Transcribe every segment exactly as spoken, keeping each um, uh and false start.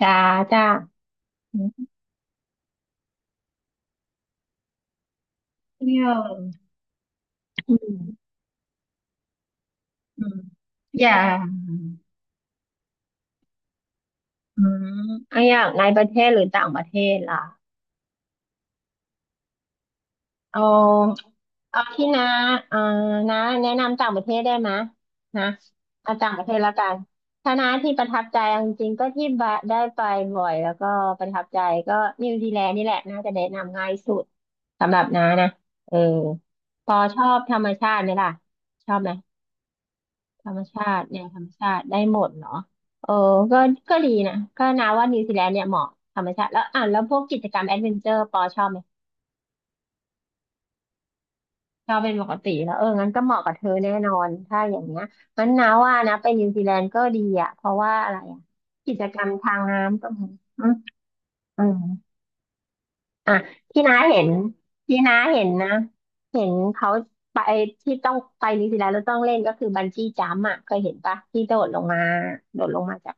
จ้าจ้าอืมเที่ยวอืมอืมอย่างอืมเอาอย่างในประเทศหรือต่างประเทศล่ะเอาเอาที่น้าเอ่อน้าแนะนำต่างประเทศได้ไหมยนะเอาต่างประเทศแล้วกันถ้าน้าที่ประทับใจเอาจริงๆก็ที่บะได้ไปบ่อยแล้วก็ประทับใจก็นิวซีแลนด์นี่แหละน่าจะแนะนำง่ายสุดสำหรับน้านะเออพอชอบธรรมชาติไหมล่ะชอบไหม ธรรมชาติเนี่ยธรรมชาติได้หมดเนาะเออก็ก็ดีนะก็นาว่านิวซีแลนด์เนี่ยเหมาะธรรมชาติแล้วอ่ะแล้วพวกกิจกรรมแอดเวนเจอร์ปอชอบไหมชอบเป็นปกติแล้วเอองั้นก็เหมาะกับเธอแน่นอนถ้าอย่างเงี้ยงั้นนาว่านะไปนิวซีแลนด์ก็ดีอ่ะเพราะว่าอะไรอ่ะกิจกรรมทางน้ำก็มีอืมอืม อ่ะที่น้าเห็นที่น้าเห็นนะเห็นเขาไปที่ต้องไปนิวซีแลนด์แล้วต้องเล่นก็คือบันจี้จัมป์อ่ะเคยเห็นปะที่โดดลงมาโดดลงมาจาก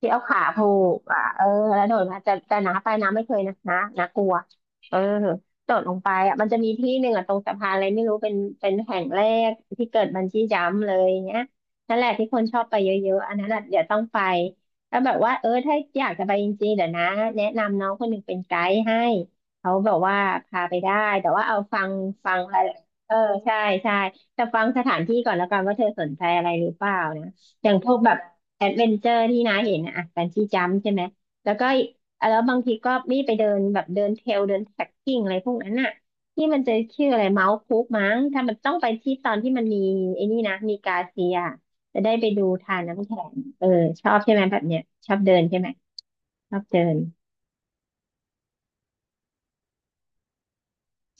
ที่เอาขาผูกอ่ะเออแล้วโดดมาแต่แต่น้าไปน้าไม่เคยนะน้าน้ากลัวเออโดดลงไปอ่ะมันจะมีที่หนึ่งอ่ะตรงสะพานอะไรไม่รู้เป็นเป็นแห่งแรกที่เกิดบันจี้จัมป์เลยเนี้ยนั่นแหละที่คนชอบไปเยอะๆอันนั้นอ่ะเดี๋ยวต้องไปแล้วแบบว่าเออถ้าอยากจะไปจริงๆเดี๋ยวนะแนะนำน้องคนหนึ่งเป็นไกด์ให้ เขาแบบว่าพาไปได้แต่ว่าเอาฟังฟังอะไรเออใช่ใช่แต่ฟังสถานที่ก่อนแล้วกันว่าเธอสนใจอะไรหรือเปล่านะอย่างพวกแบบแอดเวนเจอร์ที่น้าเห็นนะอ่ะแฟนซีจัมใช่ไหมแล้วก็อ่ะแล้วบางทีก็มีไปเดินแบบเดินเทรลเดินแท็กกิ้งอะไรพวกนั้นน่ะที่มันจะชื่ออะไรเมาส์คุกมั้งถ้ามันต้องไปที่ตอนที่มันมีไอ้นี่นะมีกาเซียจะได้ไปดูทานน้ำแข็งเออชอบใช่ไหมแบบเนี้ยชอบเดินใช่ไหมชอบเดิน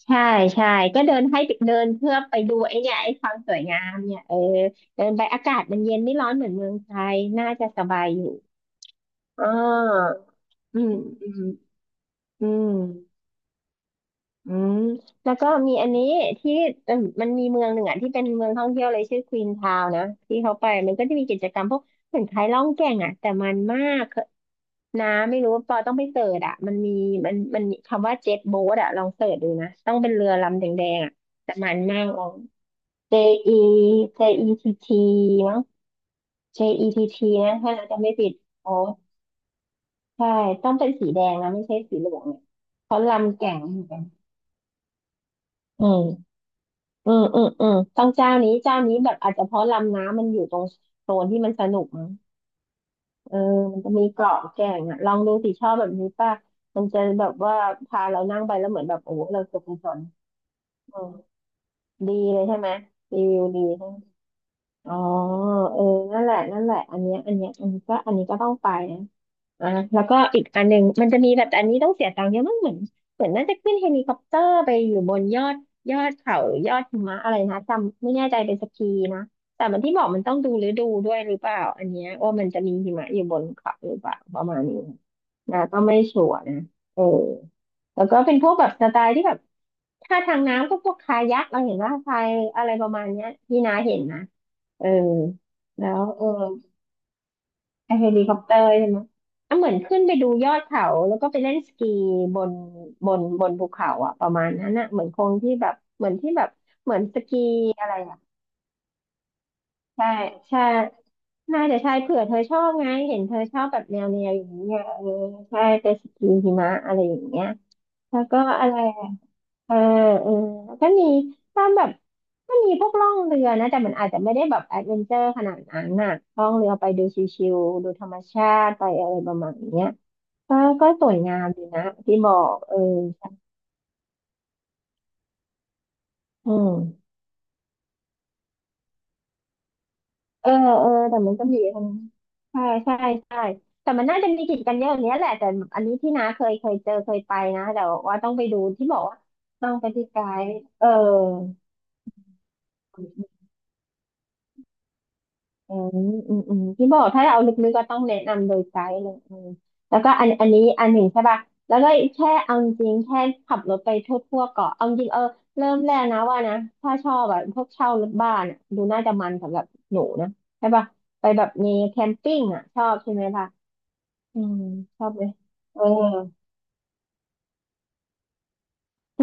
ใช่ใช่ก็เดินให้เดินเพื่อไปดูไอ้เนี่ยไอ้ความสวยงามเนี่ยเออเดินไปอากาศมันเย็นไม่ร้อนเหมือนเมืองไทยน่าจะสบายอยู่อ๋ออืมอืมอืมอืมแล้วก็มีอันนี้ที่เออมันมีเมืองหนึ่งอ่ะที่เป็นเมืองท่องเที่ยวเลยชื่อควีนทาวน์นะที่เขาไปมันก็จะมีกิจกรรมพวกเหมือนคล้ายล่องแก่งอ่ะแต่มันมากนะไม่รู้ปอต้องไปเสิร์ชอ่ะมันมีมันมันมีคำว่าเจ็ตโบ๊ทอ่ะลองเสิร์ชดูนะต้องเป็นเรือลำแดงๆอ่ะแต่มันมากลอง เจ อี j ี t E t มั้ง เจ อี ที ที นะถ้าเราจำไม่ผิดอ๋อใช่ต้องเป็นสีแดงนะไม่ใช่สีเหลืองเนี่ยเพราะลำแก่งเหมือนกันอืมอืมอืมอืมต้องเจ้านี้เจ้านี้แบบอาจจะเพราะลำน้ำมันอยู่ตรงโซนที่มันสนุกมั้งเออมันจะมีเกาะแก่งอ่ะลองดูสิชอบแบบนี้ป่ะมันจะแบบว่าพาเรานั่งไปแล้วเหมือนแบบโอ้เราจบกันสนอืมดีเลยใช่ไหมรีวิวดีใช่ไหมอ๋อเออนั่นแหละนั่นแหละอันเนี้ยอันเนี้ยอันนี้ก็อันนี้ก็ต้องไปนะ อ่าแล้วก็อีกอันหนึ่งมันจะมีแบบแต่อันนี้ต้องเสียตังค์เยอะมากเหมือนเหมือนน่าจะขึ้นเฮลิคอปเตอร์ไปอยู่บนยอดยอดเขาหรือยอดหิมะอะไรนะจำไม่แน่ใจเป็นสกีนะแต่มันที่บอกมันต้องดูฤดูด้วยหรือเปล่าอันเนี้ยว่ามันจะมีหิมะอยู่บนเขาหรือเปล่าประมาณนี้นะก็ไม่ชัวร์นะเออแล้วก็เป็นพวกแบบสไตล์ที่แบบถ้าทางน้ำก็พวกคายักเราเห็นว่าพายอะไรประมาณเนี้ยพี่นาเห็นนะเออแล้วเออ ไอเฮลิคอปเตอร์ใช่ไหมอ่ะเหมือนขึ้นไปดูยอดเขาแล้วก็ไปเล่นสกีบนบนบนภูเขาอะประมาณนั้นอะเหมือนคงที่แบบเหมือนที่แบบเหมือนสกีอะไรอะใช่ใช่น่าจะใช่เผื่อเธอชอบไงเห็นเธอชอบแบบแนวแนวอย่างนี้ไงเออใช่ไปสกีหิมะอะไรอย่างเงี้ยแล้วก็อะไรอะเออเออแล้วก็มีตามแบบก็มีพวกล่องเรือนะแต่มันอาจจะไม่ได้แบบแอดเวนเจอร์ขนาดนั้นน่ะล่องเรือไปดูชิวๆดูธรรมชาติไปอะไรประมาณเนี้ย ก็ก็สวยงามดีนะที่บอกเอออืมเออเออแต่มันก็มีคนใช่ใช่ใช่แต่มันน่าจะมีกิจกันเยอะอย่างเนี้ยแหละแต่อันนี้ที่น้าเคยเคยเจอเคยไปนะแต่ว่าต้องไปดูที่บอกว่าต้องไปที่ไกด์เออ อืมอืมอืมที่บอกถ้าเอาลึกๆก็ต้องแนะนำโดยไกด์เลยอืมแล้วก็อันอันนี้ อันหนึ่งใช่ป่ะ แล้วก็แค่เอาจริงแค่ขับรถไปทั่วๆเกาะเอาจริงเออเริ่มแรกนะว่านะถ้าชอบแบบพวกเช่ารถบ้านอะดูน่าจะมันสำหรับหนูนะใช่ป่ะไปแบบมีแคมปิ้งอ่ะชอบใช่ไหมล่ะอืมชอบไหมเออ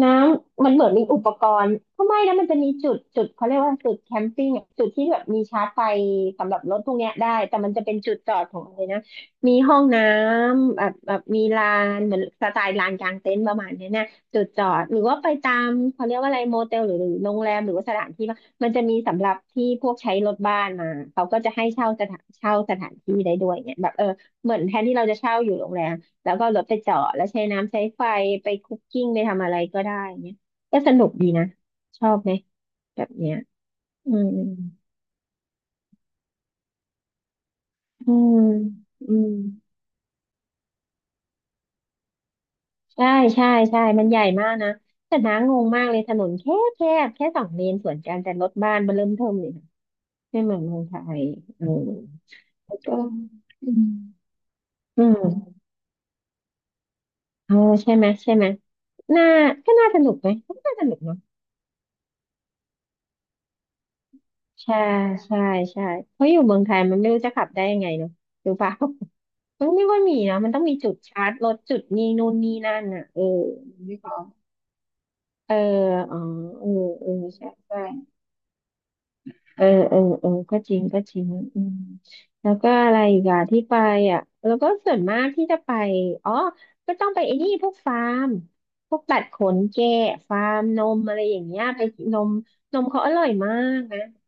น้ำมันเหมือนมีอุปกรณ์ก็ไม่นะมันจะมีจุดจุดเขาเรียกว่าจุดแคมปิ้งอะจุดที่แบบมีชาร์จไฟสำหรับรถพวกเนี้ยได้แต่มันจะเป็นจุดจอดของอะไรนะมีห้องน้ำแบบแบบมีลานเหมือนสไตล์ลานกลางเต็นท์ประมาณเนี้ยนะจุดจอดหรือว่าไปตามเขาเรียกว่าอะไรโมเตลหรือหรือโรงแรมหรือว่าสถานที่ว่ามันจะมีสำหรับที่พวกใช้รถบ้านมาเขาก็จะให้เช่าสถานเช่าสถานที่ได้ด้วยเนี่ยแบบเออเหมือนแทนที่เราจะเช่าอยู่โรงแรม แล้วก็เอารถไปเจอะแล้วใช้น้ำใช้ไฟไปคุกกิ้งไปทำอะไรก็ได้เนี่ยก็สนุกดีนะชอบไหมแบบเนี้ยอืมอืมอืมใช่ใช่ใช่มันใหญ่มากนะแต่น้างงมากเลยถนนแคบแคบแค่สองเลนสวนกันแต่รถบ้านเบิ่มเริ่มเทิมเลยนะไม่เหมือนเมืองไทยอืมแล้วก็อืมอืมเออใช่ไหมใช่ไหมน่าก็น่าสนุกไหมก็น่าสนุกนะ ใช่ใช่ใช่เพราะอยู่เมืองไทยมันไม่รู้จะขับได้ยังไงเนาะรู้ปะ มันไม่ค่อยมีนะมันต้องมีจุดชาร์จรถจุดนี่นู่นนี่นั่นอ่ะเออมันไม่พรอเอออ๋อเออเออใช่ใช่เออเออเออก็จริงก็จริงอืมแล้วก็อะไรอีกอะที่ไปอ่ะแล้วก็ส่วนมากที่จะไปอ๋อก็ต้องไปไอ้นี่พวกฟาร์มพวกตัดขนแกะฟาร์มนมอะไรอย่างเงี้ยไปนมนมเขาอร่อยมากนะ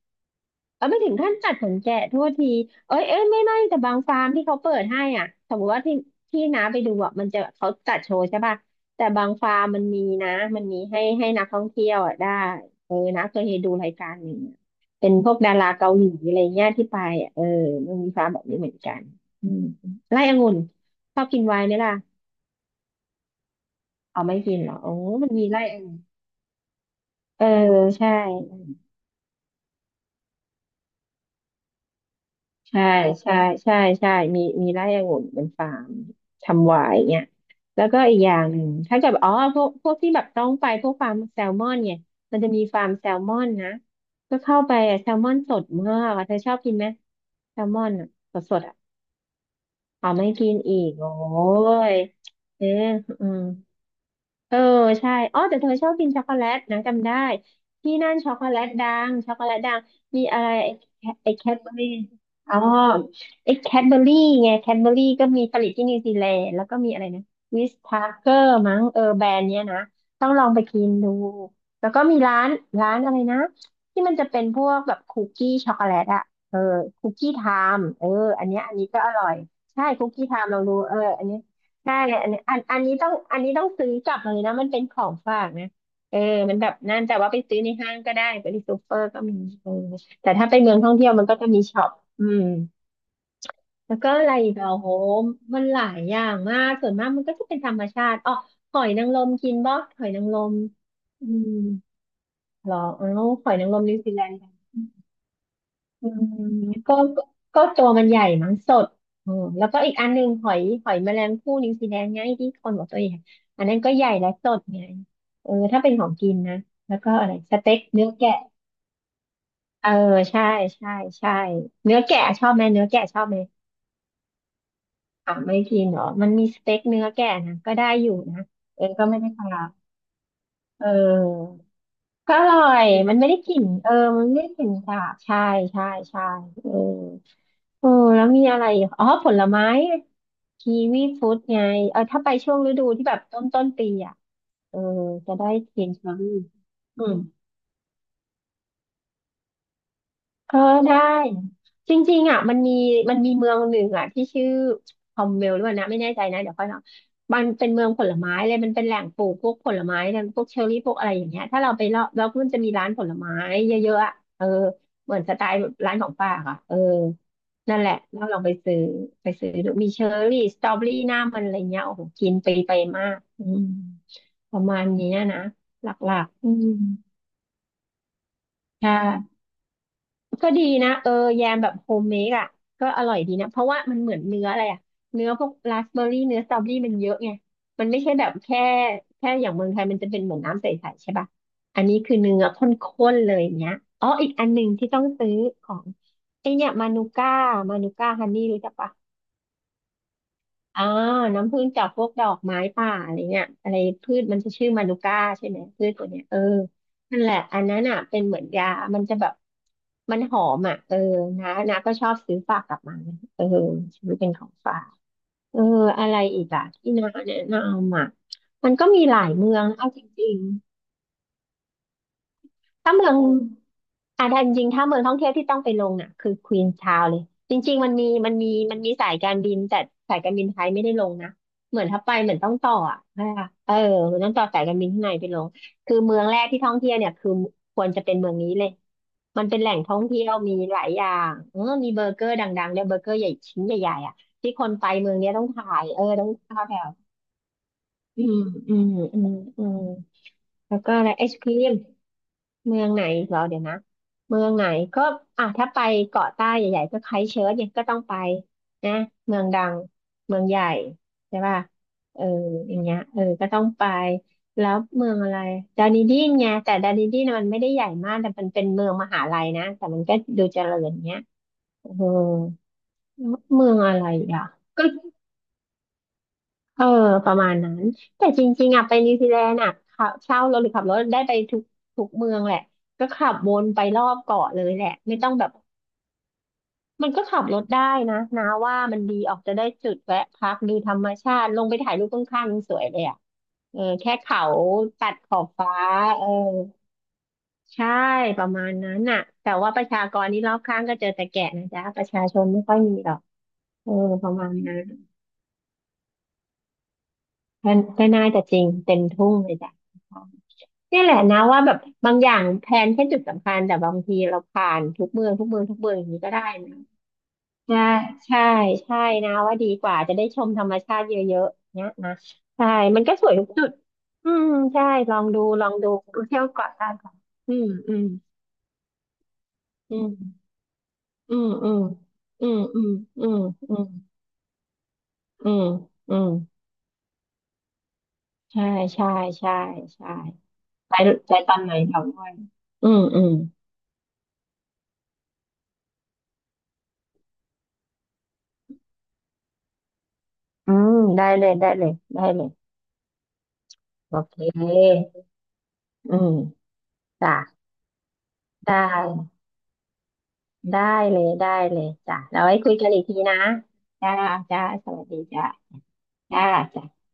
เออไม่ถึงขั้นตัดขนแกะโทษทีเอ้ยเอ้ยไม่ไม่แต่บางฟาร์มที่เขาเปิดให้อ่ะสมมติว่าที่ที่น้าไปดูอ่ะมันจะเขาจัดโชว์ใช่ป่ะแต่บางฟาร์มมันมีนะมันมีให้ให้นักท่องเที่ยวอ่ะได้เออนะเคยดูรายการหนึ่งอะเป็นพวกดาราเกาหลีอะไรเงี้ยที่ไปอ่ะเออมันมีฟาร์มแบบนี้เหมือนกันอืมไร่องุ่นชอบกินไวน์ไหมล่ะเอาไม่กินเหรอโอ้มันมีไร่องุ่นเออใช่ ใช่ใช่ใช่ใช่มีมีไร่องุ่นเป็นฟาร์มทำไวน์เนี่ยแล้วก็อีกอย่างหนึ่งถ้าเกิดอ๋อพวกพวกที่แบบต้องไปพวกฟาร์มแซลมอนเนี่ยมันจะมีฟาร์มแซลมอนนะก็เข้าไปอะแซลมอนสดมากอะเธอชอบกินไหมแซลมอนอะสดสดอะอ๋อไม่กินอีกโอ้ยเอออืม เออใช่อ๋อแต่เธอชอบกินช็อกโกแลตนะจำได้ที่นั่นช็อกโกแลตดังช็อกโกแลตดังมีอะไรไอ้แคไอ้แคดเบอรี่อ๋อไอ้แคดเบอรี่ไงแคดเบอรี่ก็มีผลิตที่นิวซีแลนด์แล้วก็มีอะไรนะวิสทาเกอร์มั้งเออแบรนด์เนี้ยนะต้องลองไปกินดูแล้วก็มีร้านร้านอะไรนะที่มันจะเป็นพวกแบบคุกกี้ช็อกโกแลตอะเออคุกกี้ไทม์เอออันเนี้ยอันนี้ก็อร่อยใช่คุกกี้ไทม์ลองดูเอออันนี้ ใช่อันนี้อันอันนี้ต้องอันนี้ต้องซื้อกลับมาเลยนะมันเป็นของฝากนะเออมันแบบนั่นแต่ว่าไปซื้อในห้างก็ได้ไปที่ซูเปอร์ก็มีเออแต่ถ้าไปเมืองท่องเที่ยวมันก็จะมีช็อปอืมแล้วก็อะไรอีกอะโหมันหลายอย่างมากส่วนมากมันก็จะเป็นธรรมชาติอ๋อหอยนางรมกินบ่หอยนางรมอืมเหรออ๋อหอยนางรมนิวซีแลนด์ อืมก็ก็ก็ตัวมันใหญ่มั้งสดอืมแล้วก็อีกอันหนึ่งหอยหอยแมลงภู่นิวซีแลนด์ไงที่คนบอกตัวใหญ่อันนั้นก็ใหญ่และสดไงเออถ้าเป็นของกินนะแล้วก็อะไรสเต็กเนื้อแกะเออใช่ใช่ใช่เนื้อแกะชอบไหมเนื้อแกะชอบไหมอ่ะไม่กินเหรอมันมีสเต็กเนื้อแกะนะก็ได้อยู่นะเออก็ไม่ได้ปลาเออ ก็อร่อย มันไม่ได้กลิ่นเออ มันไม่ได้กลิ่นสาบใช่ใช่ใช่เออเออแล้วมีอะไรอีกอ๋อผลไม้กีวีฟรุตไง เออถ้าไปช่วงฤดูที่แบบต้นต้นปีอ่ะ เออจะได้กินเชอรี่อืม เออได้จริงๆอ่ะมันมีมันมีเมืองหนึ่งอ่ะที่ชื่อคอมเวลหรือเปล่านะไม่แน่ใจนะเดี๋ยวค่อยเนาะมันเป็นเมืองผลไม้เลยมันเป็นแหล่งปลูกพวกผลไม้เนี่ยพวกเชอร์รี่พวกอะไรอย่างเงี้ยถ้าเราไปเลาะเราก็มันจะมีร้านผลไม้เยอะๆอ่ะเออเหมือนสไตล์ร้านของป้าค่ะเออนั่นแหละเราลองไปซื้อไปซื้อดูมีเชอร์รี่สตรอเบอรี่หน้ามันอะไรเงี้ยโอ้โหกินไปไปมากอืมประมาณเนี้ยนะหลักๆอืมใช่ ก็ดีนะเออแยมแบบโฮมเมดอ่ะก็อร่อยดีนะเพราะว่ามันเหมือนเนื้ออะไรอ่ะเนื้อพวกราสเบอร์รี่เนื้อสตรอเบอรี่มันเยอะไงมันไม่ใช่แบบแค่แค่อย่างเมืองไทยมันจะเป็นเหมือนน้ำใสๆใช่ป่ะอันนี้คือเนื้อข้นๆเลยอย่างเนี้ยอ๋ออีกอันหนึ่งที่ต้องซื้อของไอเนี่ยมานูก้ามานูก้าฮันนี่รู้จักปะ อ่าน้ำผึ้งจากพวกดอกไม้ป่าอะไรเงี้ยอะไรพืชมันจะชื่อมานูก้าใช่ไหมพืชตัวเนี้ยเออนั่นแหละอันนั้นอ่ะเป็นเหมือนยา มันจะแบบมันหอมอ่ะเออนะนะก็ชอบซื้อฝากกลับมาเออซื้อเป็นของฝากเอออะไรอีกอ่ะที่น้าแนะนำอ่ะมันก็มีหลายเมืองนะเอาจริงๆ ถ้าเมืองอ่ะถ้าจริงๆถ้าเมืองท่องเที่ยวที่ต้องไปลงน่ะคือควีนชาวเลยจริงๆมันมีมันมีมันมีสายการบินแต่สายการบินไทยไม่ได้ลงนะเหมือนถ้าไปเหมือนต้องต่ออ่ะใช่ปะเออเหมือนต้องต่อสายการบินข้างในไปลงคือเมืองแรกที่ท่องเที่ยวเนี่ยคือควรจะเป็นเมืองนี้เลยมันเป็นแหล่งท่องเที่ยวมีหลายอย่างเออมีเบอร์เกอร์ดังๆด้วยเบอร์เกอร์ใหญ่ชิ้นใหญ่ๆอ่ะที่คนไปเมืองเนี้ยต้องถ่ายเออต้องถ่ายแบบอืมอืมอืมอืม แล้วก็อะไรไอศครีมเมืองไหนอีกเหรอเดี๋ยวนะเมืองไหนก็อ่ะถ้าไปเกาะใต้ใหญ่ๆก็ไครสต์เชิร์ชเนี่ยก็ต้องไปนะเมืองดังเมืองใหญ่ใช่ป่ะเอออย่างเงี้ยเออก็ต้องไปแล้วเมืองอะไรดานิดีนไงแต่ดานิดีนน่ะมันไม่ได้ใหญ่มากแต่มันเป็นเมืองมหาลัยนะแต่มันก็ดูเจริญเงี้ยเออเมืองอะไรอ่ะ เออประมาณนั้นแต่จริงๆอ่ะไปนิวซีแลนด์อ่ะขับเช่ารถหรือขับรถได้ไปทุกทุกเมืองแหละก็ขับวนไปรอบเกาะเลยแหละไม่ต้องแบบมันก็ขับรถได้นะนะว่ามันดีออกจะได้จุดแวะพักดูธรรมชาติลงไปถ่ายรูปข้างๆยังสวยเลยอ่ะเออแค่เขาตัดขอบฟ้าเออใช่ประมาณนั้นน่ะแต่ว่าประชากรนี้รอบข้างก็เจอแต่แก่นะจ๊ะประชาชนไม่ค่อยมีหรอกเออประมาณนั้นก็ก็น่าจะจริงเต็มทุ่งเลยจ้ะ เนี่ยแหละนะว่าแบบบางอย่างแพลนแค่จุดสำคัญแต่บางทีเราผ่านทุกเมืองทุกเมืองทุกเมืองอย่างนี้ก็ได้นะใช่ใช่ใช่นะว่าดีกว่าจะได้ชมธรรมชาติเยอะๆเนี่ยนะใช่มันก็สวยทุกจุดอืมใช่ลองดูลองดูเที่ยวเกาะล้านก่อนอืมอืมอืมอืมอืมอืมอืมอืมอืมอืมอืมใช่ใช่ใช่ใช่ไปไปตอนไหนเดี๋ยวด้วยอืมอืมอืมได้เลยได้เลยได้เลย โอเค อืม จ้ะได้ได้เลย ได้เลย จ้ะ เราไว้คุยกันอีกทีนะจ้าจ้าสวัสดีจ้าจ้าจ้า